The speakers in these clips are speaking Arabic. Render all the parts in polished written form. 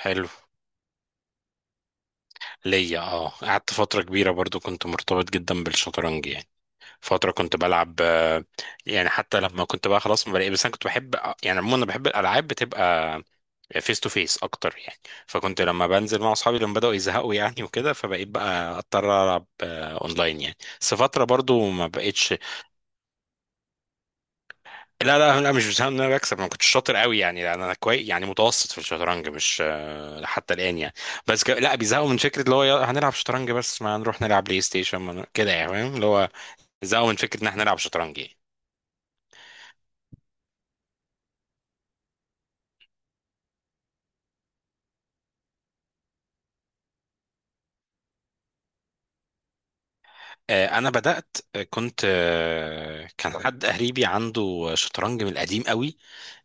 حلو. ليا اه، قعدت فترة كبيرة برضو، كنت مرتبط جدا بالشطرنج يعني. فترة كنت بلعب يعني حتى لما كنت بقى خلاص ما بلاقي، بس انا كنت بحب. يعني عموما انا بحب الالعاب بتبقى فيس تو فيس اكتر يعني. فكنت لما بنزل مع اصحابي لما بدأوا يزهقوا يعني وكده، فبقيت بقى اضطر العب اونلاين يعني، بس فترة برضو ما بقتش. لا، مش بسبب ان انا بكسب، انا كنت شاطر قوي يعني، لان انا كويس يعني متوسط في الشطرنج، مش حتى الان يعني. لا، بيزهقوا من فكره اللي هو يلا هنلعب شطرنج، بس ما نروح نلعب بلاي ستيشن، ما ن- كده يعني، فاهم اللي هو. زهقوا من فكره ان احنا نلعب شطرنج يعني. انا بدات، آه، كنت آه، كان حد قريبي عنده شطرنج من القديم قوي،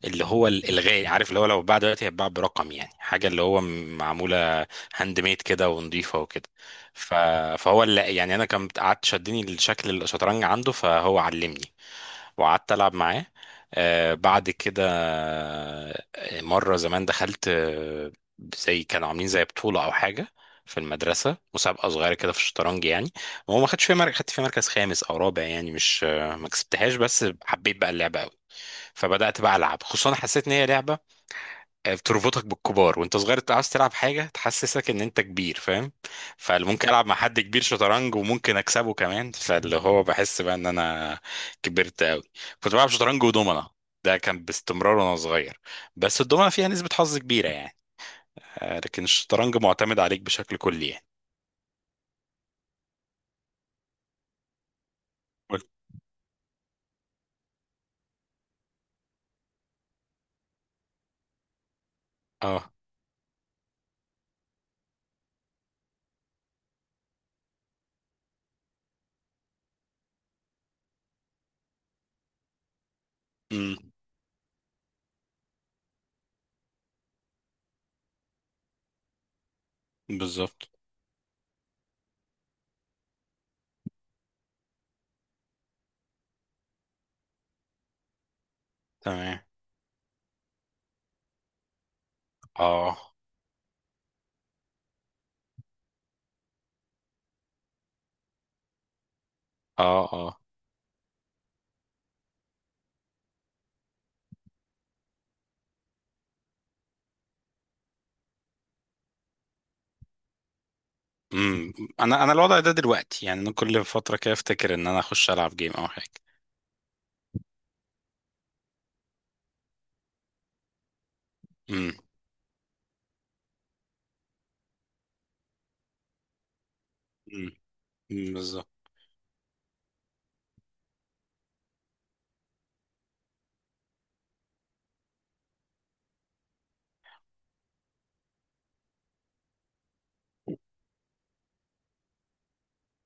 اللي هو الغالي، عارف اللي هو لو اتباع دلوقتي هيتباع برقم يعني، حاجه اللي هو معموله هاند ميد كده ونضيفه وكده. ف... فهو اللي يعني انا كان قعدت شدني الشكل، الشطرنج عنده فهو علمني. وقعدت العب معاه. آه بعد كده مره زمان دخلت، زي كانوا عاملين زي بطوله او حاجه في المدرسه، مسابقه صغيره كده في الشطرنج يعني. هو ما خدش فيها مركز، خدت فيها مركز خامس او رابع يعني، مش ما كسبتهاش، بس حبيت بقى اللعبه قوي. فبدات بقى العب، خصوصا حسيت ان هي لعبه بتربطك بالكبار وانت صغير، انت عاوز تلعب حاجه تحسسك ان انت كبير، فاهم؟ فممكن العب مع حد كبير شطرنج، وممكن اكسبه كمان، فاللي هو بحس بقى ان انا كبرت قوي. كنت بلعب شطرنج ودومنه، ده كان باستمرار وانا صغير. بس الدومنه فيها نسبه حظ كبيره يعني، لكن الشطرنج معتمد عليك بشكل كلي يعني. قول. اه. امم. بالظبط. تمام. اه. اه. امم. انا الوضع ده دلوقتي يعني، انا كل فتره كده افتكر ان انا اخش العب جيم او حاجه. امم. امم. أمم، بالظبط.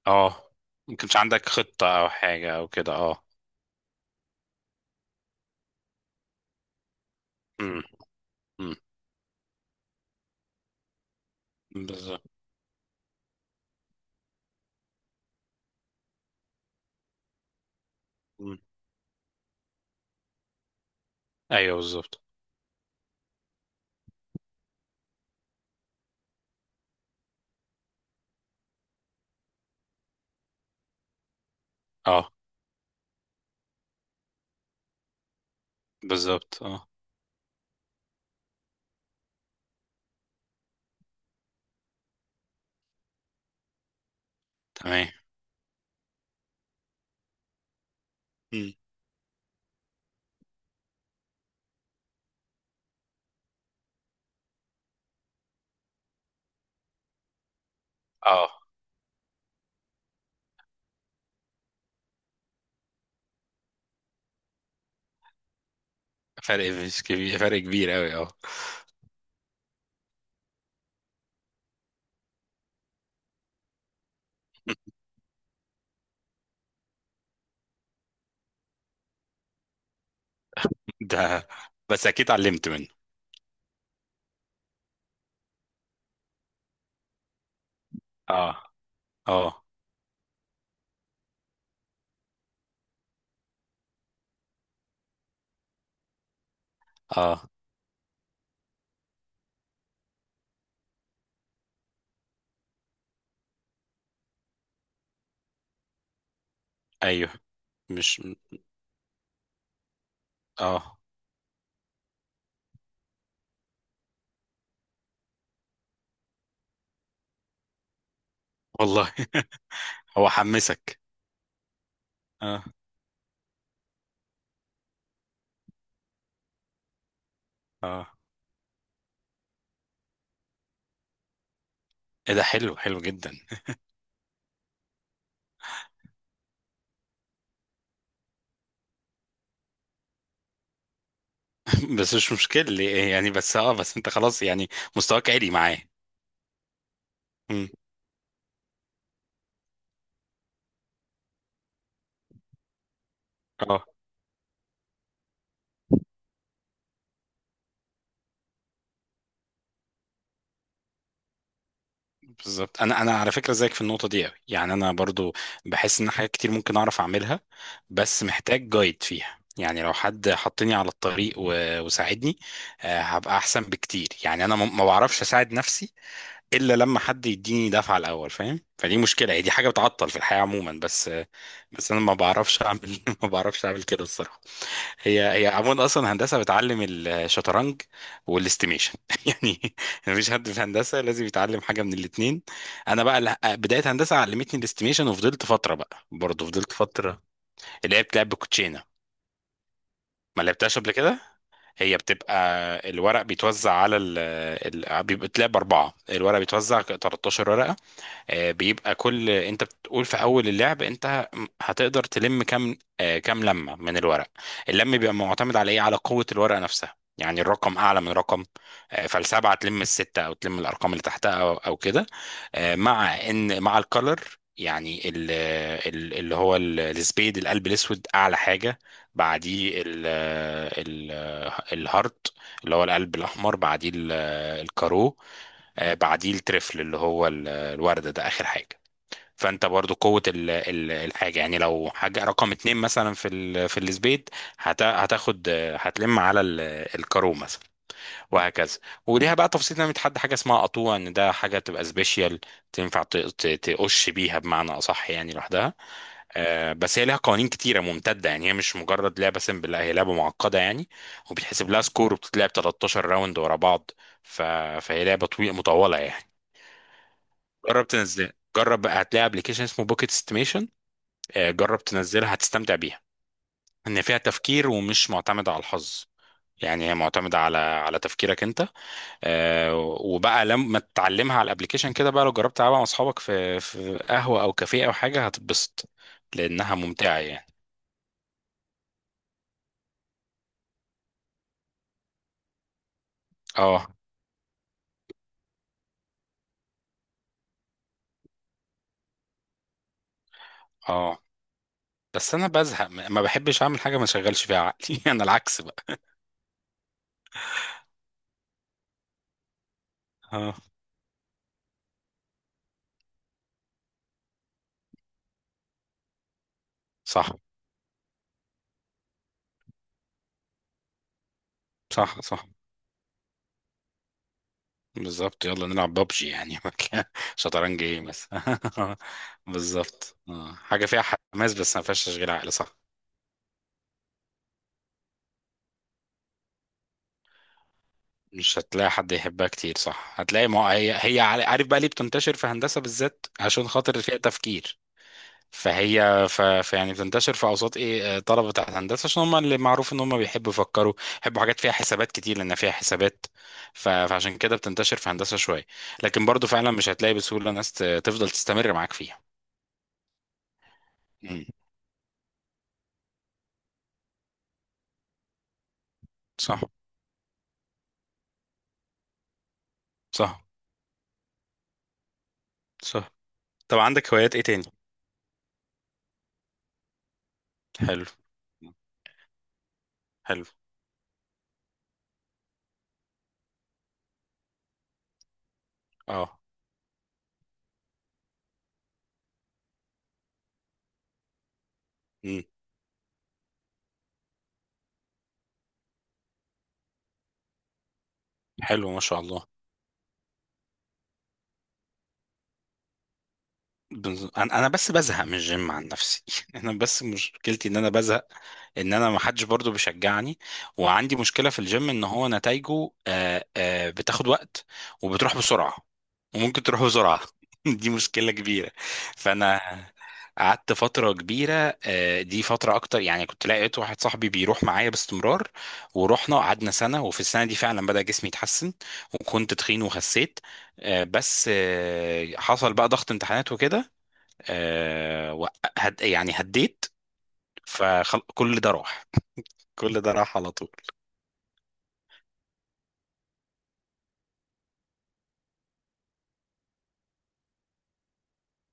اه، ما كانش عندك خطه او حاجه او كده؟ اه. امم. امم. بالظبط. أمم. ايوه بالظبط. اه. بالظبط. اه. تمام. أمم. اه، فرق مش كبير، فرق كبير قوي اه. ده، بس اكيد علمت منه. اه. اه. اه. ايوه. مش. اه. والله هو حمسك. اه. اه. ايه ده، حلو، حلو جدا. بس مش مشكلة يعني، بس اه، بس انت خلاص يعني، مستواك عالي معاه. مم. اه. بالظبط. انا على فكره زيك في النقطه دي قوي يعني، انا برضو بحس ان حاجات كتير ممكن اعرف اعملها، بس محتاج جايد فيها يعني، لو حد حطني على الطريق وساعدني، هبقى احسن بكتير يعني. انا ما بعرفش اساعد نفسي الا لما حد يديني دفعه الاول، فاهم؟ فدي مشكله، هي دي حاجه بتعطل في الحياه عموما، بس بس انا ما بعرفش اعمل ما بعرفش اعمل كده الصراحه. هي عموما، اصلا هندسه بتعلم الشطرنج والاستيميشن يعني. مفيش حد في هندسه لازم يتعلم حاجه من الاثنين. انا بقى بدايه هندسه علمتني الاستيميشن، وفضلت فتره بقى، برضه فضلت فتره. لعبت لعب بالكوتشينه. ما لعبتهاش قبل كده. هي بتبقى الورق بيتوزع على بيبقى بتلعب اربعه، الورق بيتوزع 13 ورقه. بيبقى كل، انت بتقول في اول اللعب انت هتقدر تلم كام، كام لمه من الورق. اللم بيبقى معتمد على ايه؟ على قوه الورقه نفسها يعني، الرقم اعلى من رقم. فالسبعه تلم السته، او تلم الارقام اللي تحتها او كده. مع ان، مع الكلر يعني، السبيد، القلب الاسود، اعلى حاجه، بعديه الهارت اللي هو القلب الاحمر، بعديه الكارو، بعديه الترفل اللي هو الوردة، ده آخر حاجة. فانت برضو قوة الحاجة يعني، لو حاجة رقم اتنين مثلا في في السبيد، هتاخد هتلم على الكارو مثلا، وهكذا. وليها بقى تفصيل، انها بتحدد حاجة اسمها قطوع، ان ده حاجة تبقى سبيشال، تنفع تقش بيها بمعنى أصح يعني، لوحدها. بس هي ليها قوانين كتيرة ممتدة يعني، هي مش مجرد لعبة سيمبل، لا، هي لعبة معقدة يعني. وبيتحسب لها سكور، وبتتلعب 13 راوند ورا بعض. ف... فهي لعبة طويلة مطولة يعني. جرب تنزلها، جرب بقى، هتلاقي ابلكيشن اسمه بوكيت استيميشن. جرب تنزلها، هتستمتع بيها. ان فيها تفكير ومش معتمدة على الحظ يعني، هي معتمدة على تفكيرك انت. آه، وبقى لما تتعلمها على الابلكيشن كده، بقى لو جربت تلعبها مع اصحابك في قهوة او كافيه او حاجة، هتتبسط لانها ممتعة يعني. اه. اه. بس انا بزهق، ما بحبش اعمل حاجة ما اشغلش فيها عقلي انا العكس بقى. اه. صح. صح. صح. بالظبط، يلا نلعب بابجي يعني مكان شطرنج، ايه بس! بالظبط، آه، حاجة فيها حماس بس ما فيهاش تشغيل عقل، صح، مش هتلاقي حد يحبها كتير، صح. هتلاقي، ما هي هي عارف بقى ليه بتنتشر في هندسة بالذات؟ عشان خاطر فيها تفكير. فهي ف... ف يعني بتنتشر في اوساط ايه، طلبة بتاعت هندسة، عشان هم اللي معروف ان هم بيحبوا يفكروا، بيحبوا حاجات فيها حسابات كتير، لان فيها حسابات. فعشان كده بتنتشر في هندسة شوية. لكن برضو فعلا مش هتلاقي بسهولة ناس تفضل تستمر معاك فيها. مم. صح. صح. صح. طب عندك هوايات ايه تاني؟ حلو. حلو. اه. امم. حلو ما شاء الله. انا بس بزهق من الجيم عن نفسي انا بس مشكلتي ان انا بزهق، ان انا ما حدش برضه بيشجعني. وعندي مشكله في الجيم، ان هو نتائجه بتاخد وقت، وبتروح بسرعه، وممكن تروح بسرعه. دي مشكله كبيره. فانا قعدت فتره كبيره، دي فتره اكتر يعني. كنت لقيت واحد صاحبي بيروح معايا باستمرار، ورحنا قعدنا سنه، وفي السنه دي فعلا بدا جسمي يتحسن، وكنت تخين وخسيت. بس حصل بقى ضغط امتحانات وكده، آه، وق- هد يعني، هديت. فكل ده راح، كل ده راح على طول.